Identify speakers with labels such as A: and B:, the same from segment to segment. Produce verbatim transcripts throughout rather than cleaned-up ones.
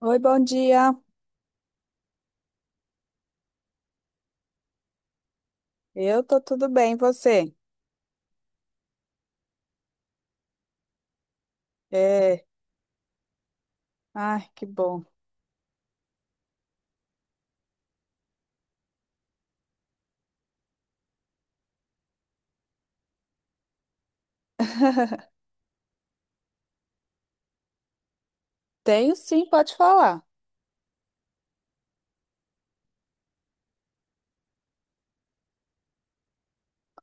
A: Oi, bom dia. Eu tô tudo bem, e você? É, ai, que bom. Tenho sim, pode falar.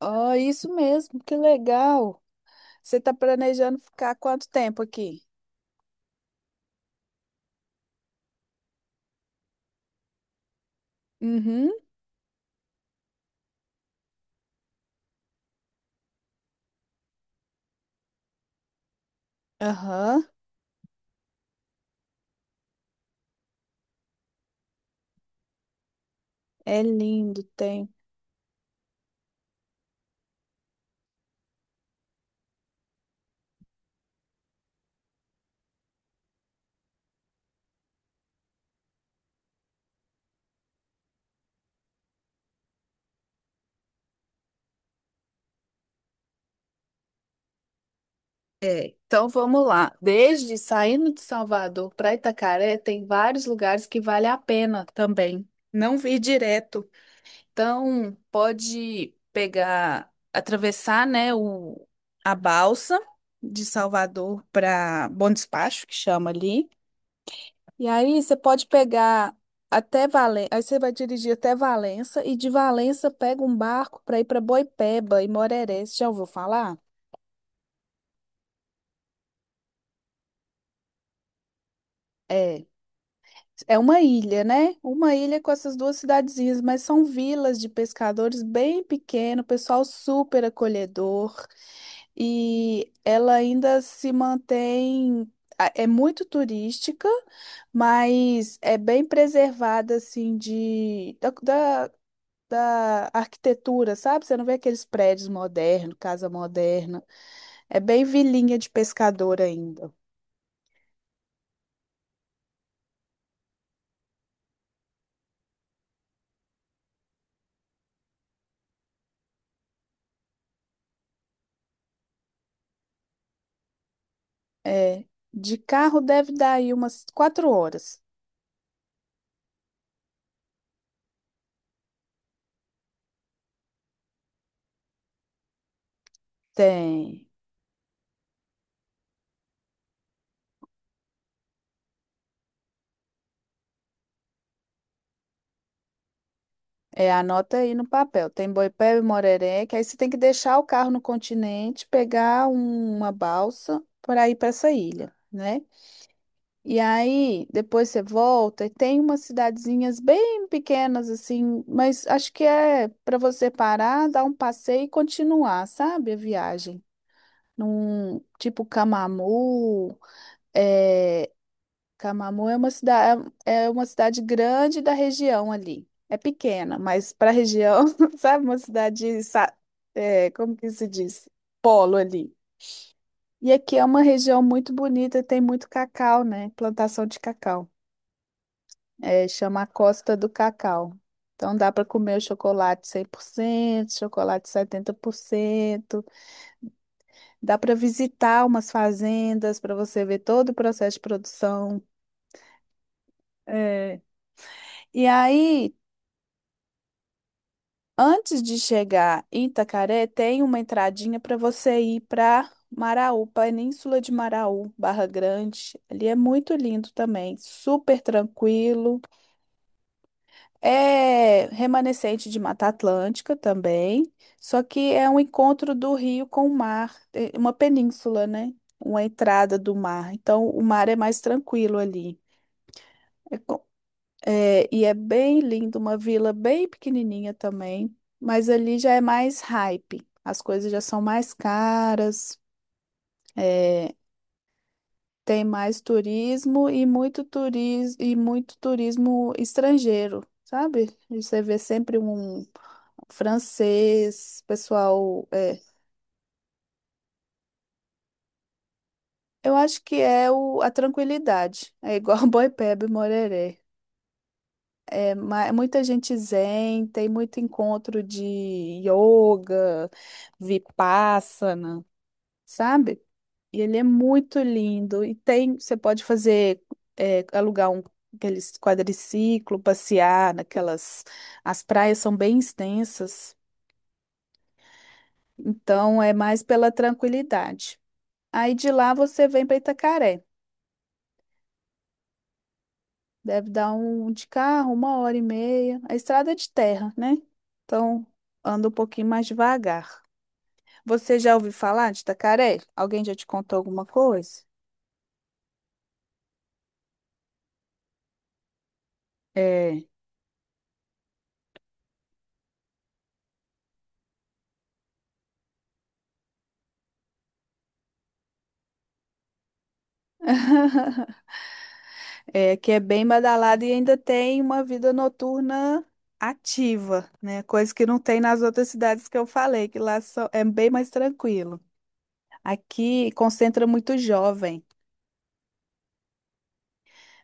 A: Oh, isso mesmo, que legal. Você tá planejando ficar quanto tempo aqui? Uhum, aham. É lindo, tem. É, Então vamos lá. Desde saindo de Salvador para Itacaré, tem vários lugares que vale a pena também. Não vir direto. Então, pode pegar, atravessar, né, o, a balsa de Salvador para Bom Despacho, que chama ali. E aí você pode pegar até Valença, aí você vai dirigir até Valença e de Valença pega um barco para ir para Boipeba e Moreré. Você já ouviu falar? É, é uma ilha, né? Uma ilha com essas duas cidadezinhas, mas são vilas de pescadores bem pequeno, pessoal super acolhedor. E ela ainda se mantém. a- É muito turística, mas é bem preservada, assim, de, da, da, da arquitetura, sabe? Você não vê aqueles prédios modernos, casa moderna. É bem vilinha de pescador ainda. É. De carro deve dar aí umas quatro horas. Tem. É, anota aí no papel. Tem Boipeba e Moreré, que aí você tem que deixar o carro no continente, pegar um- uma balsa para ir para essa ilha, né? E aí depois você volta e tem umas cidadezinhas bem pequenas assim, mas acho que é para você parar, dar um passeio e continuar, sabe, a viagem. Num tipo Camamu, é, Camamu é uma cidade, é é uma cidade grande da região ali. É pequena, mas para a região, sabe, uma cidade, sa- é, como que se diz? Polo ali. E aqui é uma região muito bonita, tem muito cacau, né? Plantação de cacau. É, chama a Costa do Cacau. Então dá para comer o chocolate cem por cento, chocolate setenta por cento. Dá para visitar umas fazendas para você ver todo o processo de produção. É. E aí Antes de chegar em Itacaré, tem uma entradinha para você ir para Maraú, Península de Maraú, Barra Grande. Ali é muito lindo também, super tranquilo. É remanescente de Mata Atlântica também, só que é um encontro do rio com o mar, é uma península, né? Uma entrada do mar. Então, o mar é mais tranquilo ali. É, e é bem lindo, uma vila bem pequenininha também, mas ali já é mais hype, as coisas já são mais caras, é, tem mais turismo e muito turismo e muito turismo estrangeiro, sabe? E você vê sempre um francês, pessoal, é, eu acho que é o, a tranquilidade, é igual Boipeba e Morerê. É Ma- é Muita gente zen, tem muito encontro de yoga, vipassana, sabe? E ele é muito lindo. E tem, você pode fazer, é, alugar um aqueles quadriciclo, passear naquelas. As praias são bem extensas, então é mais pela tranquilidade. Aí de lá você vem para Itacaré. Deve dar um de carro, uma hora e meia. A estrada é de terra, né? Então anda um pouquinho mais devagar. Você já ouviu falar de Tacaré? Alguém já te contou alguma coisa? É. É, que é bem badalado e ainda tem uma vida noturna ativa, né? Coisa que não tem nas outras cidades que eu falei, que lá só- é bem mais tranquilo. Aqui concentra muito jovem.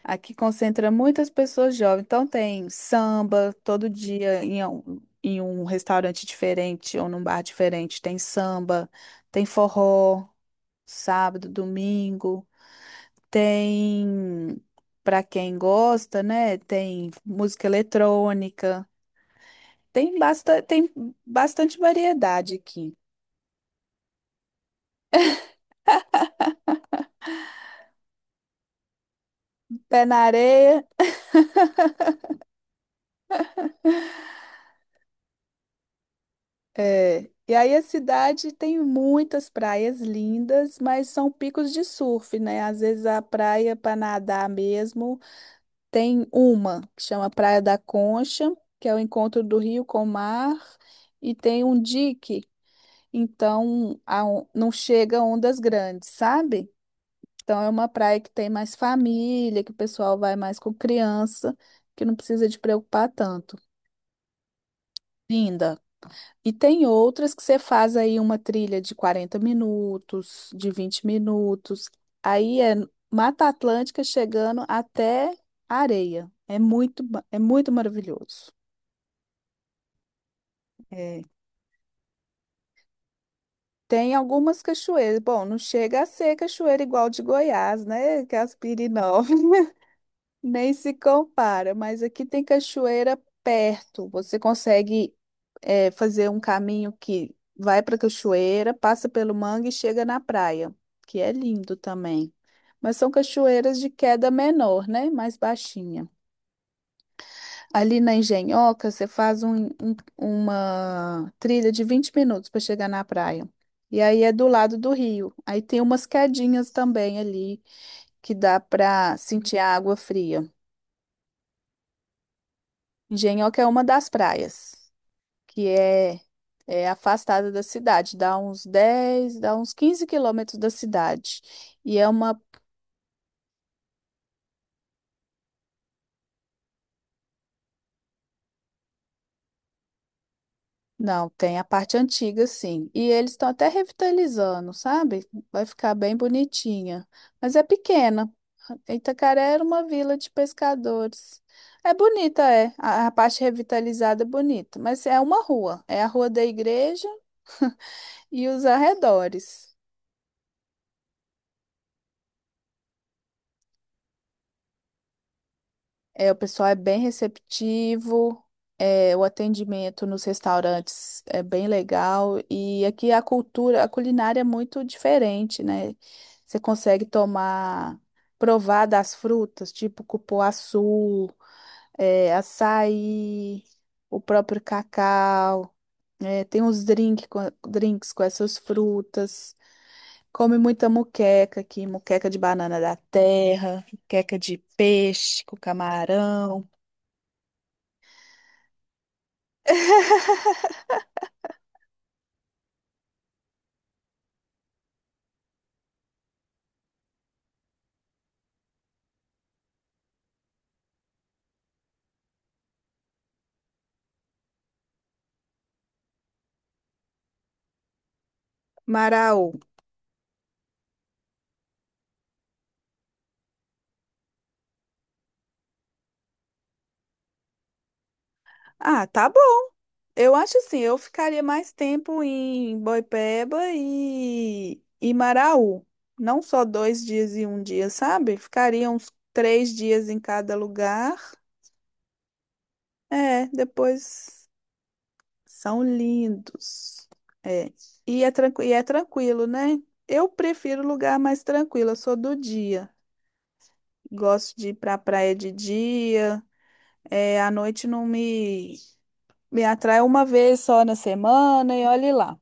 A: Aqui concentra muitas pessoas jovens. Então tem samba todo dia em um, em um restaurante diferente ou num bar diferente. Tem samba, tem forró, sábado, domingo. Tem, para quem gosta, né? Tem música eletrônica. Tem, basta, tem bastante variedade aqui. Pé na areia. É. E aí a cidade tem muitas praias lindas, mas são picos de surf, né? Às vezes a praia para nadar mesmo tem uma que chama Praia da Concha, que é o encontro do rio com o mar, e tem um dique, então a on- não chega ondas grandes, sabe? Então é uma praia que tem mais família, que o pessoal vai mais com criança, que não precisa de preocupar tanto. Linda. E tem outras que você faz aí uma trilha de quarenta minutos, de vinte minutos. Aí é Mata Atlântica chegando até areia. É muito, ma- é muito maravilhoso. É. Tem algumas cachoeiras. Bom, não chega a ser cachoeira igual de Goiás, né? Que é as Pirinópolis. Nem se compara, mas aqui tem cachoeira perto. Você consegue eh, fazer um caminho que vai para a cachoeira, passa pelo mangue e chega na praia, que é lindo também. Mas são cachoeiras de queda menor, né? Mais baixinha. Ali na Engenhoca, você faz um- um- uma trilha de vinte minutos para chegar na praia. E aí é do lado do rio. Aí tem umas quedinhas também ali que dá para sentir a água fria. Engenhoca é uma das praias, que é, é afastada da cidade, dá uns dez, dá uns quinze quilômetros da cidade. E é uma. Não, tem a parte antiga, sim. E eles estão até revitalizando, sabe? Vai ficar bem bonitinha. Mas é pequena. Itacaré era uma vila de pescadores. É bonita, é. A, a parte revitalizada é bonita, mas é uma rua. É a rua da igreja e os arredores. É, o pessoal é bem receptivo, é, o atendimento nos restaurantes é bem legal e aqui a cultura, a culinária é muito diferente, né? Você consegue tomar, provar das frutas, tipo cupuaçu, é, açaí, o próprio cacau, é, tem uns drink com- drinks com essas frutas. Come muita muqueca aqui, muqueca de banana da terra, muqueca de peixe com camarão. Maraú. Ah, tá bom. Eu acho assim, eu ficaria mais tempo em Boipeba e, e Maraú. Não só dois dias e um dia, sabe? Ficaria uns três dias em cada lugar. É, depois são lindos. É. E é, tranqui- e é tranquilo, né? Eu prefiro lugar mais tranquilo, eu sou do dia. Gosto de ir pra praia de dia. É, à noite não me, me atrai uma vez só na semana e olhe lá.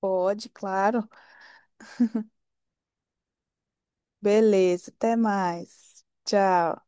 A: Pode, claro. Beleza, até mais. Tchau.